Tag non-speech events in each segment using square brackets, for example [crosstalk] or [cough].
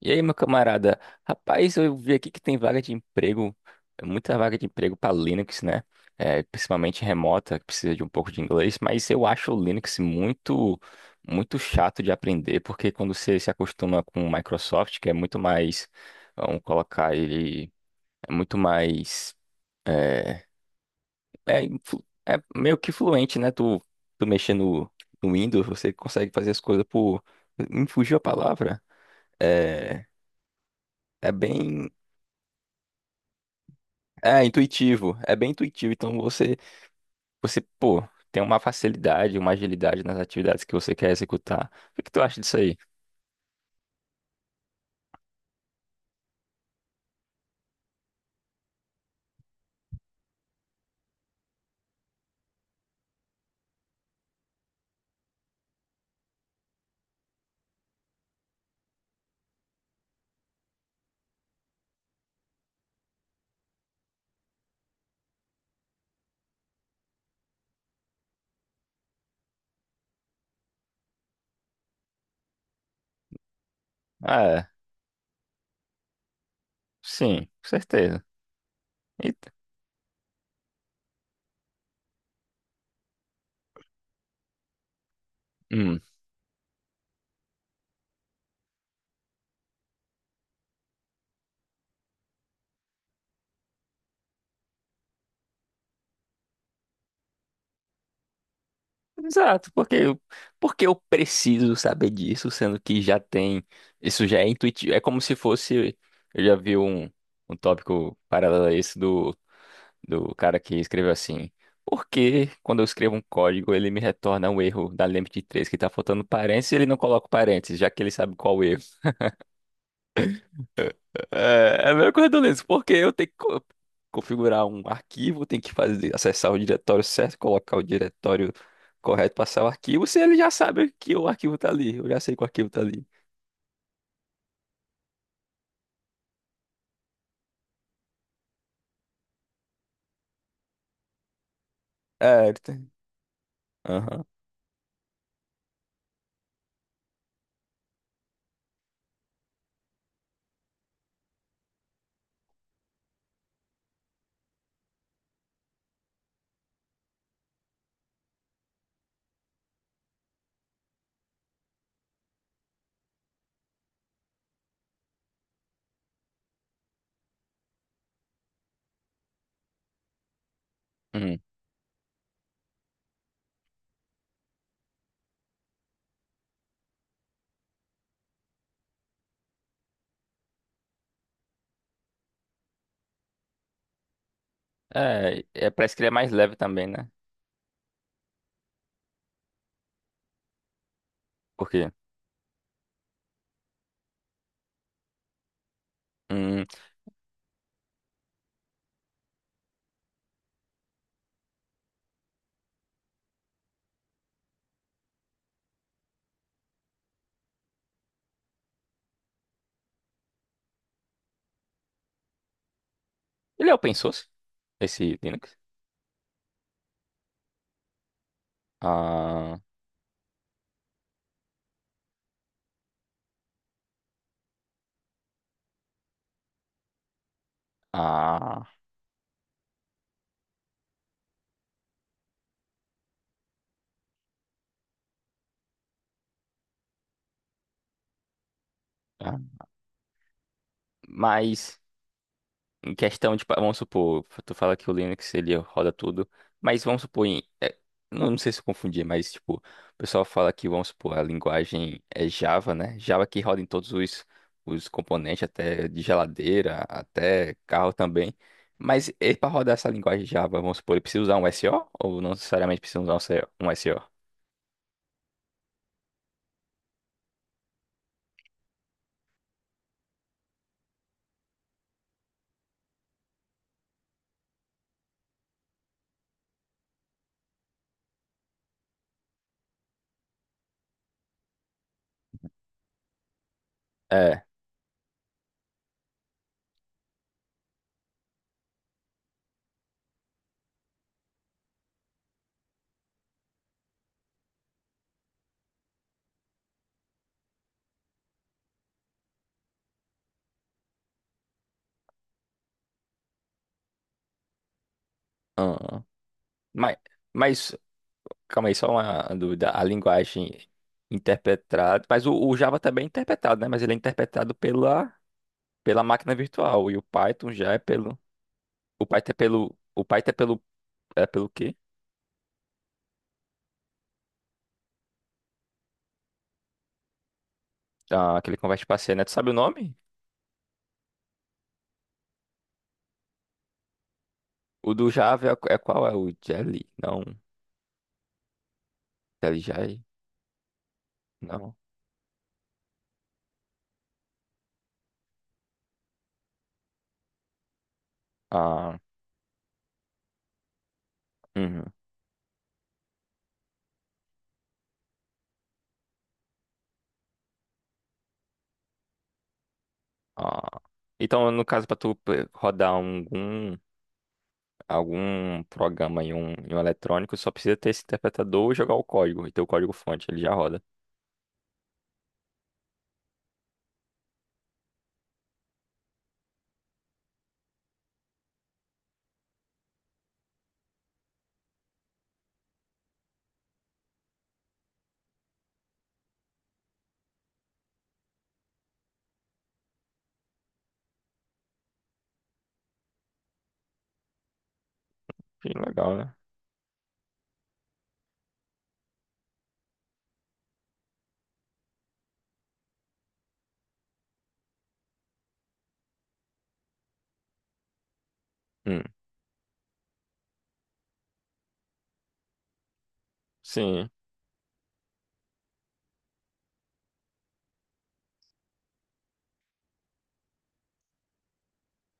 E aí, meu camarada? Rapaz, eu vi aqui que tem vaga de emprego, é muita vaga de emprego para Linux, né? É, principalmente remota, que precisa de um pouco de inglês, mas eu acho o Linux muito, muito chato de aprender, porque quando você se acostuma com o Microsoft, que é muito mais, vamos colocar ele, é muito mais, é, influ- é meio que fluente, né? Tu mexer no Windows, você consegue fazer as coisas por, me fugiu a palavra. É, é bem. É intuitivo, é bem intuitivo. Então você, pô, tem uma facilidade, uma agilidade nas atividades que você quer executar. O que tu acha disso aí? Ah, é, sim, com certeza. E- hum, exato, porque eu preciso saber disso, sendo que já tem, isso já é intuitivo. É como se fosse, eu já vi um, um tópico paralelo a esse do cara que escreveu assim: Por que quando eu escrevo um código ele me retorna um erro da lembda de três que tá faltando parênteses e ele não coloca o parênteses, já que ele sabe qual o erro? É, é a mesma coisa do Linux, porque eu tenho que co- configurar um arquivo, tenho que fazer, acessar o diretório certo, colocar o diretório correto, passar o arquivo, se ele já sabe que o arquivo tá ali, eu já sei que o arquivo tá ali. É, ele tem- aham. Uhum. É, é, parece que ele é mais leve também, né? Porque hum, ele é open source, esse Linux. Ah, Ah, tá. Mas em questão de, pa- vamos supor, tu fala que o Linux ele roda tudo, mas vamos supor, em, é, não, não sei se eu confundi, mas tipo, o pessoal fala que, vamos supor, a linguagem é Java, né? Java que roda em todos os componentes, até de geladeira, até carro também. Mas para rodar essa linguagem Java, vamos supor, ele precisa usar um SO ou não necessariamente precisa usar um SO? Um SO? É. Aham. Mas, mas Calma aí, só uma dúvida. A linguagem interpretada. Mas o Java também é interpretado, né? Mas ele é interpretado pela máquina virtual. E o Python já é pelo. O Python é pelo. O Python é pelo. É pelo quê? Ah, que ele converte para C, né? Tu sabe o nome? O do Java é, é qual? É o Jelly? Não. Jelly Jai? Não. Ah, uhum. Ah. Então, no caso, para tu p- rodar algum, algum programa em em um eletrônico, só precisa ter esse interpretador e jogar o código. E ter o código fonte, ele já roda. Que legal, né? Hum, sim.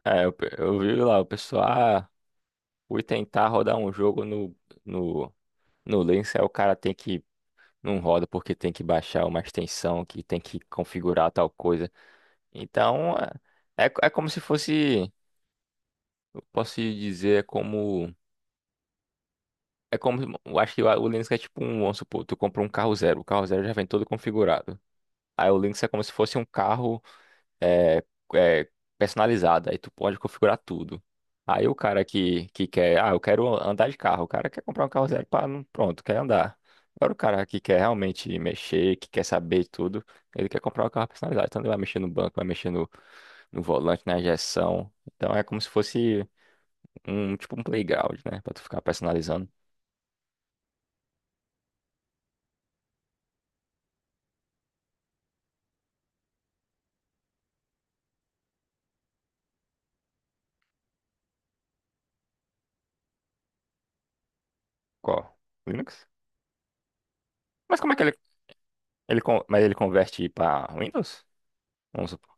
Pe- eu vi lá, o pessoal, ah, fui tentar rodar um jogo no, no Linux, aí o cara tem que, não roda porque tem que baixar uma extensão, que tem que configurar tal coisa. Então, co- é como se fosse, eu posso dizer, é como, eu acho que o Linux é tipo um, vamos supor, tu compra um carro zero, o carro zero já vem todo configurado. Aí o Linux é como se fosse um carro é, é, personalizada. Aí tu pode configurar tudo. Aí o cara que quer, ah, eu quero andar de carro. O cara quer comprar um carro zero para, pronto, quer andar. Agora o cara que quer realmente mexer, que quer saber tudo, ele quer comprar um carro personalizado. Então ele vai mexer no banco, vai mexer no volante, na injeção. Então é como se fosse um tipo um playground, né? Pra tu ficar personalizando. Qual? Linux? Mas como é que ele, con- mas ele converte para Windows? Vamos supor.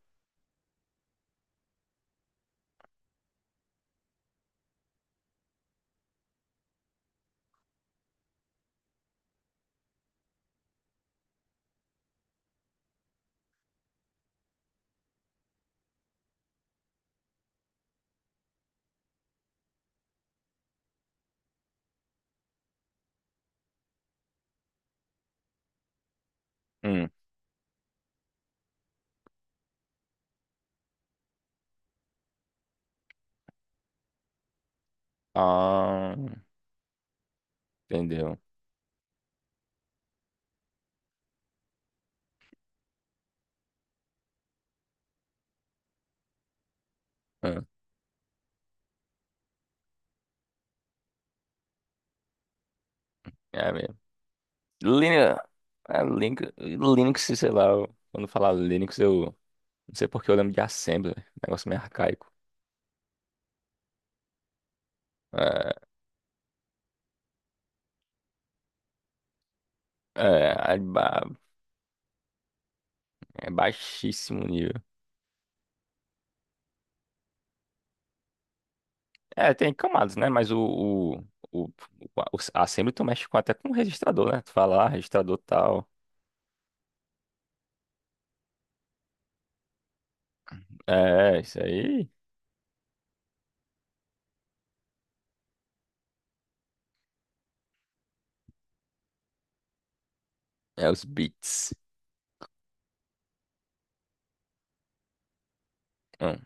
Hum. Ah, entendeu. Hum. É mesmo. Linux, é, Linux, Linux, sei lá, eu- quando falar Linux, eu não sei porque eu lembro de Assembly, negócio meio arcaico. É, ba- é baixíssimo nível. É, tem camadas, né? Mas a Assembly tu mexe com, até com o registrador, né? Tu fala, ah, registrador tal. É, isso aí é os bits. Hum,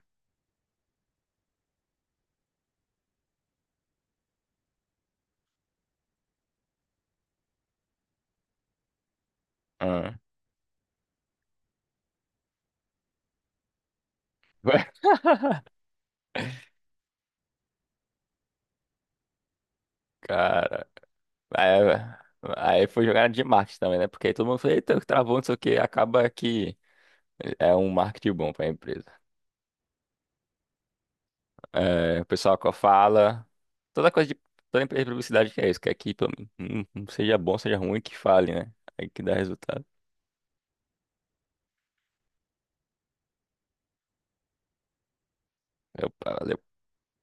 hum. [laughs] Cara, é, aí foi jogada de marketing também, né? Porque aí todo mundo fala, eita, travou, não sei o que, acaba que. É um marketing bom para a empresa. É, o pessoal que fala. Toda coisa de. Toda empresa de publicidade que é isso, quer que pelo menos, seja bom, seja ruim, que fale, né? Aí que dá resultado.